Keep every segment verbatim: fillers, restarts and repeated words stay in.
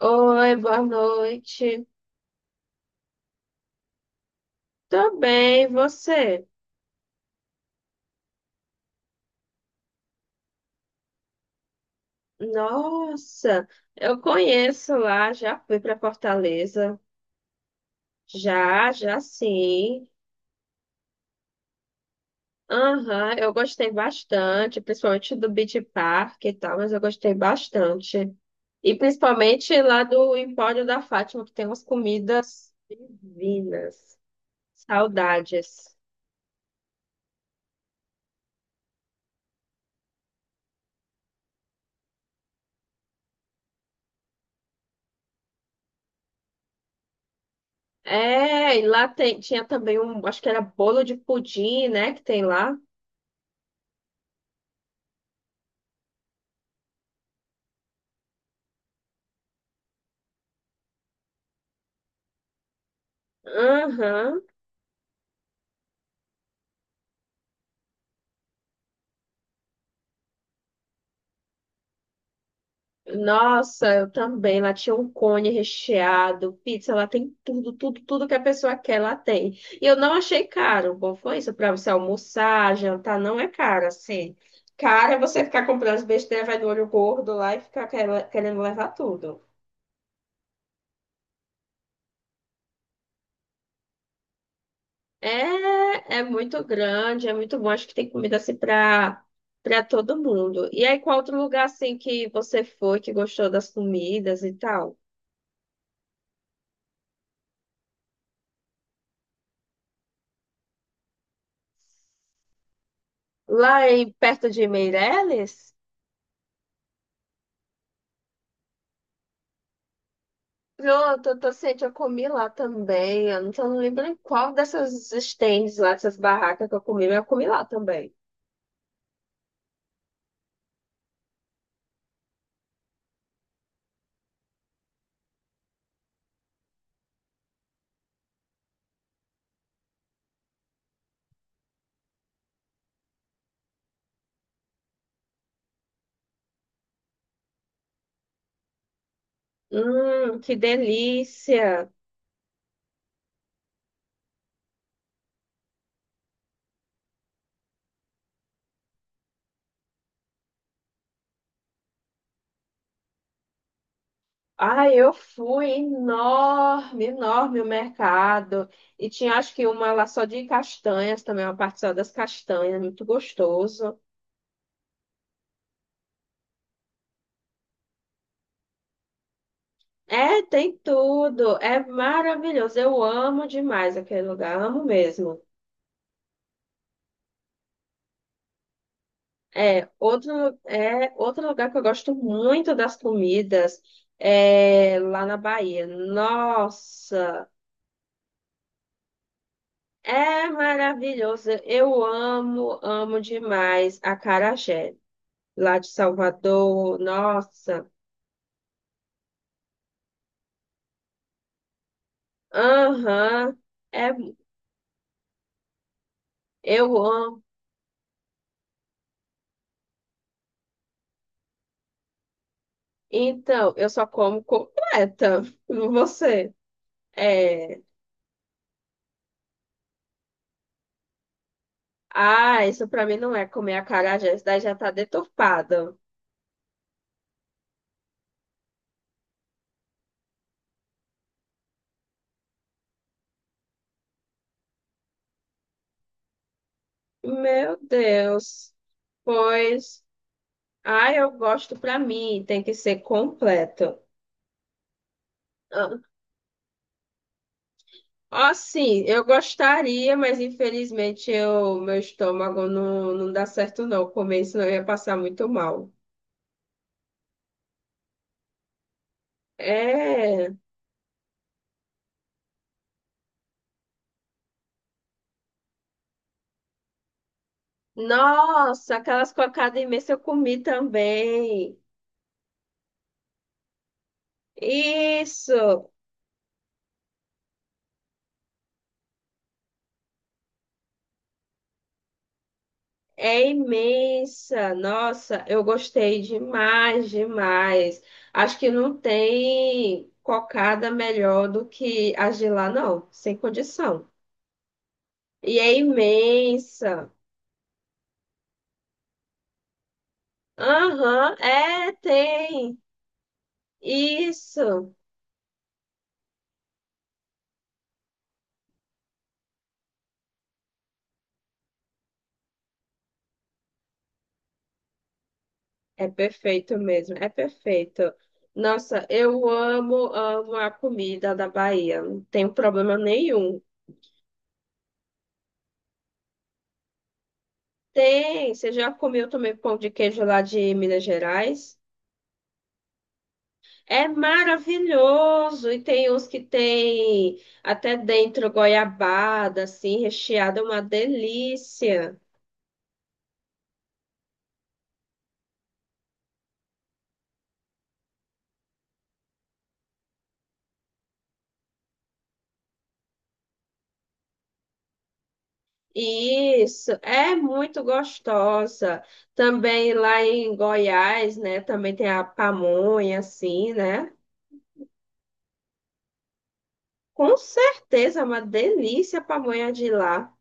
Oi, boa noite. Tô bem, e você? Nossa, eu conheço lá, já fui para Fortaleza. Já, já sim. Aham, eu gostei bastante, principalmente do Beach Park e tal, mas eu gostei bastante. E principalmente lá do Empório da Fátima, que tem umas comidas divinas. Saudades. É, e lá tem, tinha também um, acho que era bolo de pudim, né, que tem lá. Aham. Nossa, eu também. Lá tinha um cone recheado, pizza, lá tem tudo, tudo, tudo que a pessoa quer, lá tem. E eu não achei caro. O Bom, foi isso para você almoçar, jantar, não é caro assim. Caro é você ficar comprando as besteiras, vai do olho gordo lá e ficar quer- querendo levar tudo. É, é muito grande, é muito bom. Acho que tem comida assim para para todo mundo. E aí, qual outro lugar assim que você foi, que gostou das comidas e tal? Lá em perto de Meireles? Não, tô, tô ciente, eu comi lá também. Eu não, tô- Não lembro em qual dessas stands lá, dessas barracas que eu comi, mas eu comi lá também. Hum, que delícia! Ah, eu fui enorme, enorme o mercado. E tinha acho que uma lá só de castanhas também, uma parte só das castanhas, muito gostoso. É, tem tudo. É maravilhoso. Eu amo demais aquele lugar, amo mesmo. É, outro, é, outro lugar que eu gosto muito das comidas é lá na Bahia. Nossa, é maravilhoso. Eu amo, amo demais a acarajé lá de Salvador. Nossa, aham, é, eu amo. Então, eu só como completa. Você? É. Ah, isso pra mim não é comer acarajé, isso daí já tá deturpado. Meu Deus. Pois, ah, eu gosto pra mim, tem que ser completo. Ah, ó, sim eu gostaria, mas infelizmente eu, meu estômago não, não dá certo não comer, senão eu ia passar muito mal. É, nossa, aquelas cocadas imensas eu comi também. Isso, é imensa, nossa, eu gostei demais, demais. Acho que não tem cocada melhor do que as de lá, não, sem condição. E é imensa. Aham, é, tem. Isso. É perfeito mesmo, é perfeito. Nossa, eu amo, amo a comida da Bahia, não tenho problema nenhum. Tem, você já comeu também pão de queijo lá de Minas Gerais? É maravilhoso. E tem uns que tem até dentro goiabada, assim, recheada, é uma delícia. Isso, é muito gostosa. Também lá em Goiás, né? Também tem a pamonha, assim, né? Com certeza, é uma delícia a pamonha de lá.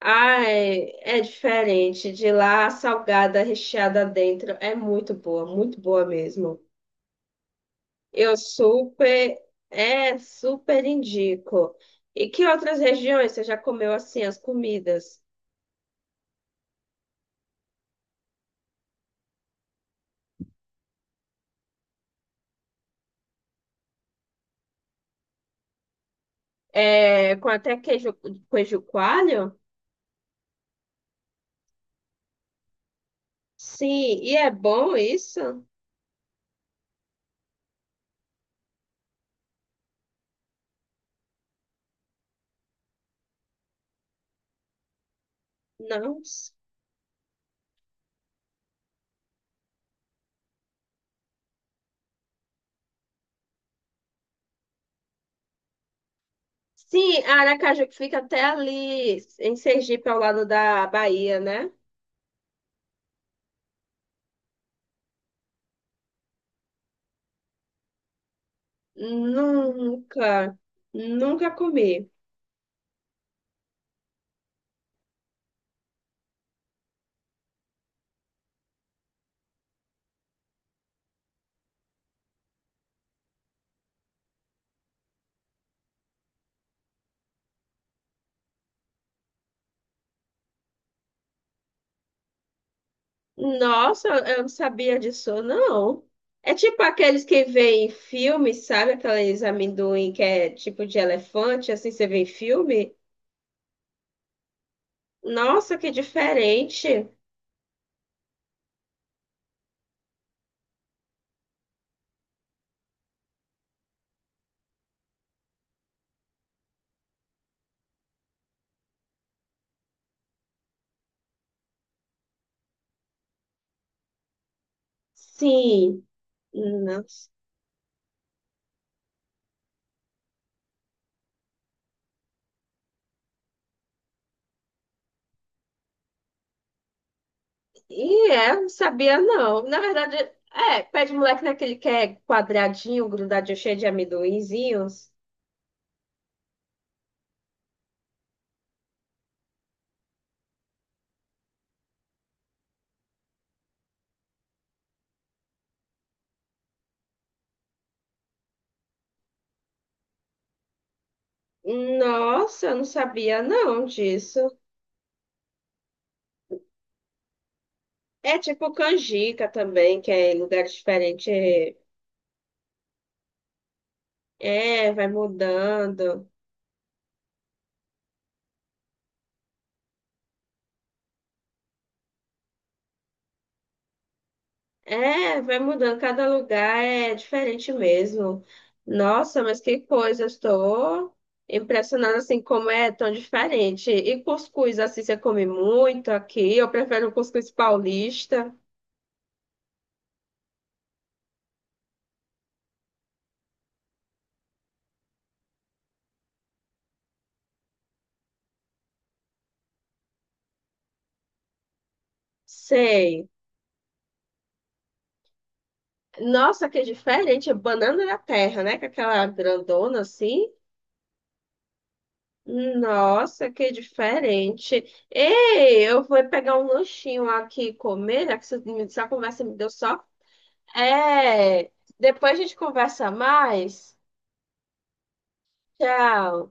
Ai, é é diferente. De lá, a salgada recheada dentro é muito boa, muito boa mesmo. Eu super, é, super indico. E que outras regiões você já comeu assim as comidas? É, com até queijo, queijo coalho? Sim, e é bom isso? Não. Sim, Aracaju que fica até ali em Sergipe, ao lado da Bahia, né? Nunca, nunca comi. Nossa, eu não sabia disso, não. É tipo aqueles que vê em filme, sabe? Aqueles amendoim que é tipo de elefante, assim você vê em filme. Nossa, que diferente. Sim. Nossa. E é, não sabia, não. Na verdade, é, pé de moleque naquele que é quadradinho, grudadinho, cheio de amendoinzinhos. Nossa, eu não sabia, não, disso. É tipo canjica também, que é em lugares diferentes. É, vai mudando. É, vai mudando. Cada lugar é diferente mesmo. Nossa, mas que coisa. Eu Estou impressionada assim como é tão diferente. E cuscuz, assim, você come muito aqui. Eu prefiro o cuscuz paulista. Sei. Nossa, que diferente. Banana da terra, né? Com aquela grandona assim. Nossa, que diferente. Ei, eu vou pegar um lanchinho aqui e comer, né? Que essa essa conversa me deu só... É, depois a gente conversa mais. Tchau.